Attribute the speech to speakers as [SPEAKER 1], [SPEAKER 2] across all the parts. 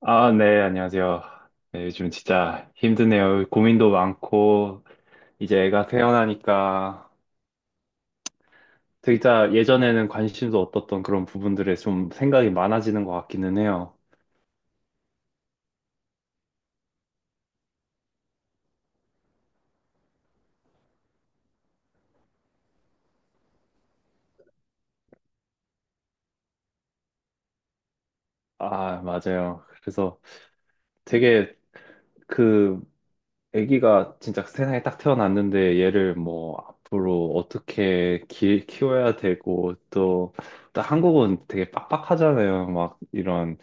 [SPEAKER 1] 아, 네, 안녕하세요. 네, 요즘 진짜 힘드네요. 고민도 많고, 이제 애가 태어나니까, 진짜 예전에는 관심도 없었던 그런 부분들에 좀 생각이 많아지는 것 같기는 해요. 아, 맞아요. 그래서 되게 그 애기가 진짜 세상에 딱 태어났는데 얘를 뭐 앞으로 어떻게 키워야 되고, 또, 또 한국은 되게 빡빡하잖아요. 막 이런.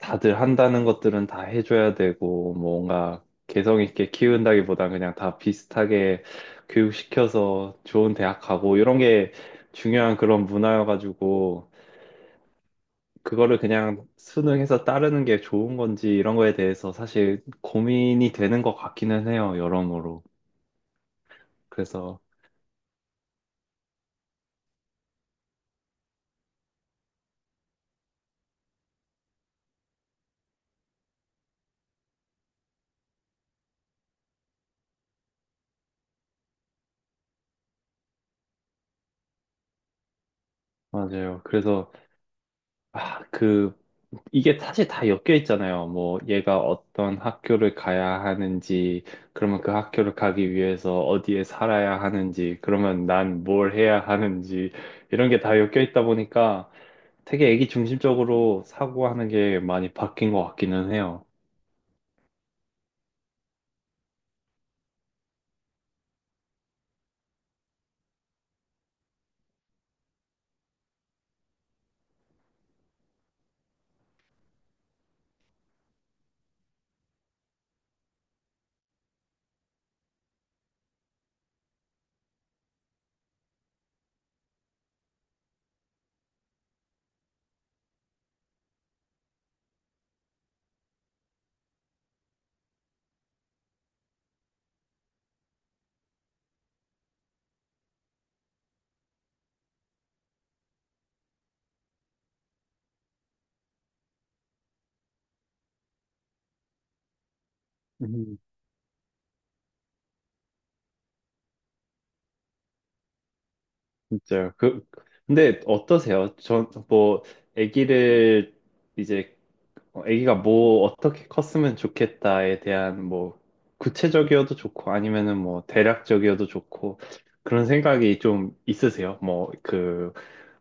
[SPEAKER 1] 다들 한다는 것들은 다 해줘야 되고, 뭐 뭔가 개성 있게 키운다기보단 그냥 다 비슷하게 교육시켜서 좋은 대학 가고, 이런 게 중요한 그런 문화여가지고, 그거를 그냥 수능해서 따르는 게 좋은 건지 이런 거에 대해서 사실 고민이 되는 것 같기는 해요, 여러모로. 그래서, 맞아요. 그래서 아, 그, 이게 사실 다 엮여 있잖아요. 뭐, 얘가 어떤 학교를 가야 하는지, 그러면 그 학교를 가기 위해서 어디에 살아야 하는지, 그러면 난 뭘 해야 하는지, 이런 게 다 엮여 있다 보니까 되게 애기 중심적으로 사고하는 게 많이 바뀐 것 같기는 해요. 음. 진짜요. 그, 근데 어떠세요? 전, 뭐, 애기를 이제 어, 아기가 뭐 어떻게 컸으면 좋겠다에 대한 뭐 구체적이어도 좋고 아니면은 뭐 대략적이어도 좋고 그런 생각이 좀 있으세요? 뭐 그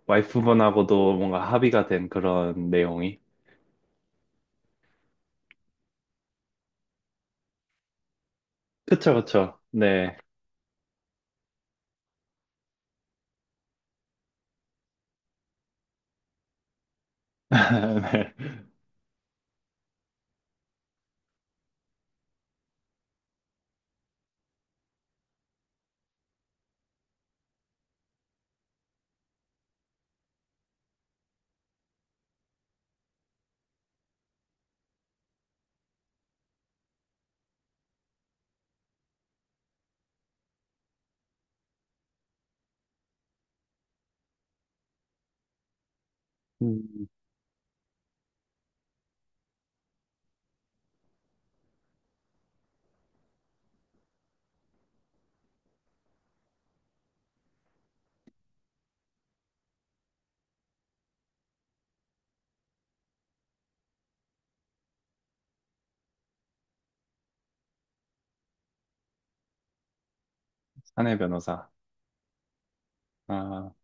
[SPEAKER 1] 와이프분하고도 뭔가 합의가 된 그런 내용이? 그쵸, 그쵸. 네. 네. 음, 사내 변호사. 아,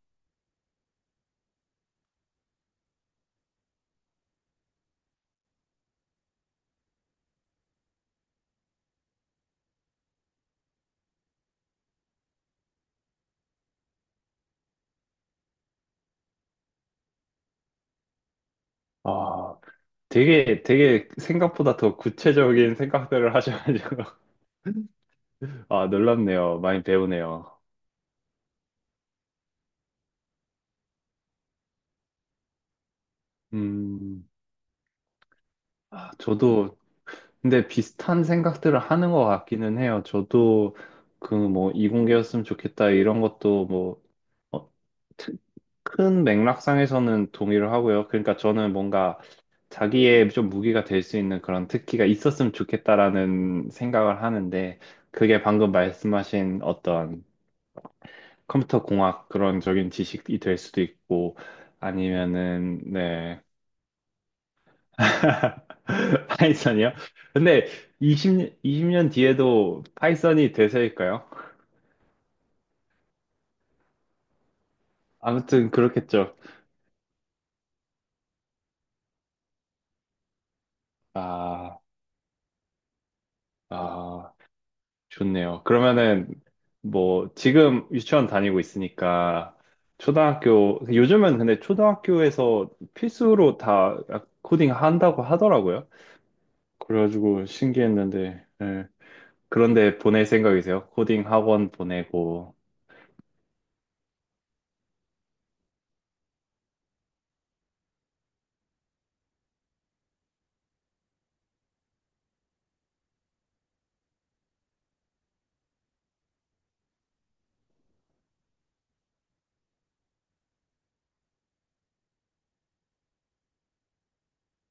[SPEAKER 1] 아, 되게, 되게 생각보다 더 구체적인 생각들을 하셔가지고, 아, 놀랍네요. 많이 배우네요. 음, 아, 저도 근데 비슷한 생각들을 하는 것 같기는 해요. 저도 그 뭐 이공계였으면 좋겠다 이런 것도 뭐 어, 트- 큰 맥락상에서는 동의를 하고요. 그러니까 저는 뭔가 자기의 좀 무기가 될 수 있는 그런 특기가 있었으면 좋겠다라는 생각을 하는데 그게 방금 말씀하신 어떤 컴퓨터 공학 그런 적인 지식이 될 수도 있고 아니면은 네. 파이썬이요? 근데 20년 뒤에도 파이썬이 대세일까요? 아무튼 그렇겠죠. 아, 아, 좋네요. 그러면은 뭐 지금 유치원 다니고 있으니까 초등학교, 요즘은 근데 초등학교에서 필수로 다 코딩 한다고 하더라고요. 그래가지고 신기했는데, 예. 그런데 보낼 생각이세요? 코딩 학원 보내고.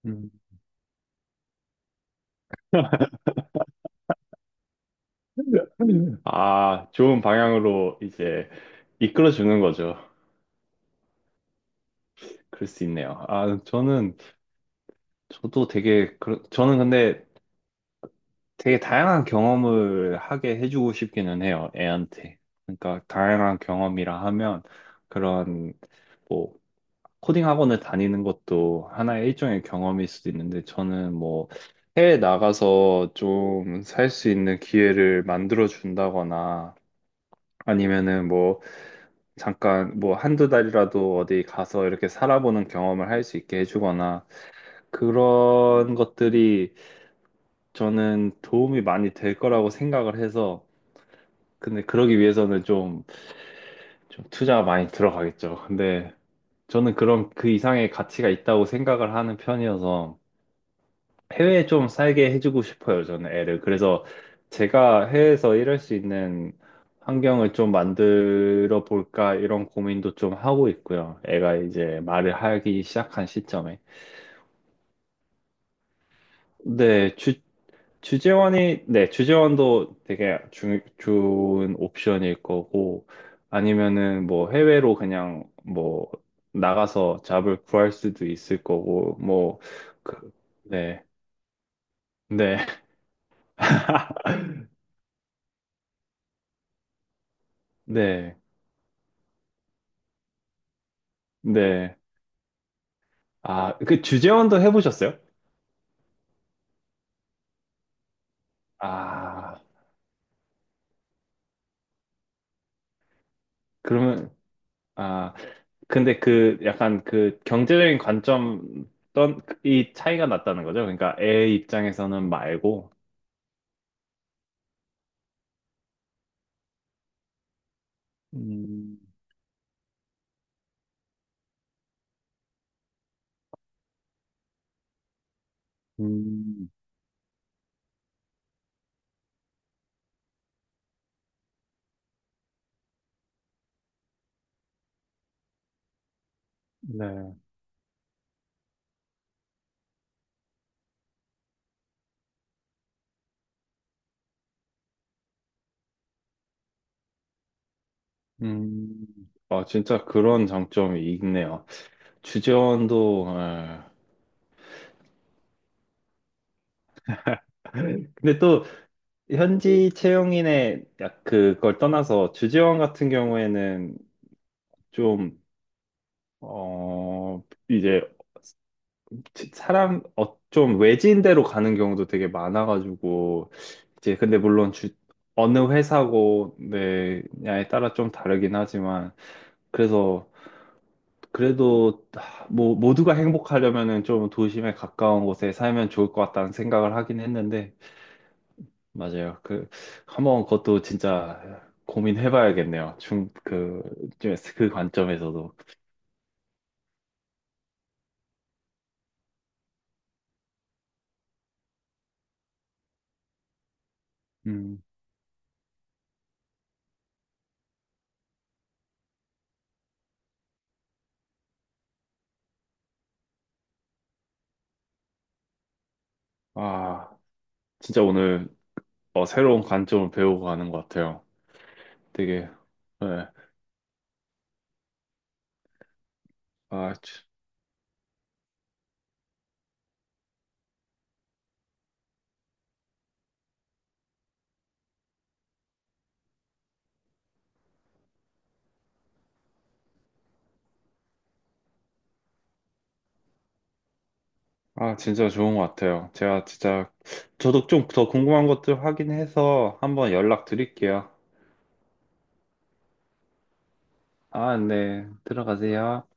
[SPEAKER 1] 음. 아, 좋은 방향으로 이제 이끌어 주는 거죠. 그럴 수 있네요. 아, 저는, 저도 되게, 저는 근데 되게 다양한 경험을 하게 해주고 싶기는 해요, 애한테. 그러니까 다양한 경험이라 하면 그런, 뭐, 코딩 학원을 다니는 것도 하나의 일종의 경험일 수도 있는데, 저는 뭐, 해외 나가서 좀 살 수 있는 기회를 만들어 준다거나, 아니면은 뭐, 잠깐 뭐 한두 달이라도 어디 가서 이렇게 살아보는 경험을 할 수 있게 해주거나 그런 것들이 저는 도움이 많이 될 거라고 생각을 해서 근데 그러기 위해서는 좀, 좀 투자가 많이 들어가겠죠. 근데 저는 그런 그 이상의 가치가 있다고 생각을 하는 편이어서 해외에 좀 살게 해주고 싶어요, 저는 애를. 그래서 제가 해외에서 일할 수 있는 환경을 좀 만들어 볼까 이런 고민도 좀 하고 있고요. 애가 이제 말을 하기 시작한 시점에. 네, 주재원이, 네, 주재원도 되게 주, 좋은 옵션일 거고, 아니면은 뭐 해외로 그냥 뭐 나가서 잡을 구할 수도 있을 거고, 뭐, 그, 네, 네, 네, 네. 아, 그 주재원도 해보셨어요? 아, 그러면, 아, 근데 그 약간 그 경제적인 관점, 떤이 차이가 났다는 거죠? 그러니까 애 입장에서는 말고. 음, 음, 네. 음, 아, 진짜 그런 장점이 있네요. 주재원도, 아. 근데 또 현지 채용인의 약 그걸 떠나서 주재원 같은 경우에는 좀, 어, 이제 사람 어, 좀 외진 데로 가는 경우도 되게 많아가지고 이제 근데 물론 주, 어느 회사고 냐에 따라 좀 다르긴 하지만 그래서 그래도 하, 뭐 모두가 행복하려면은 좀 도심에 가까운 곳에 살면 좋을 것 같다는 생각을 하긴 했는데 맞아요. 그 한번 그것도 진짜 고민해봐야겠네요 중그그 관점에서도. 음. 아, 진짜 오늘 어, 새로운 관점을 배우고 가는 것 같아요. 되게 네. 아, 지- 아, 진짜 좋은 것 같아요. 제가 진짜 저도 좀 더 궁금한 것들 확인해서 한번 연락 드릴게요. 아, 네. 들어가세요.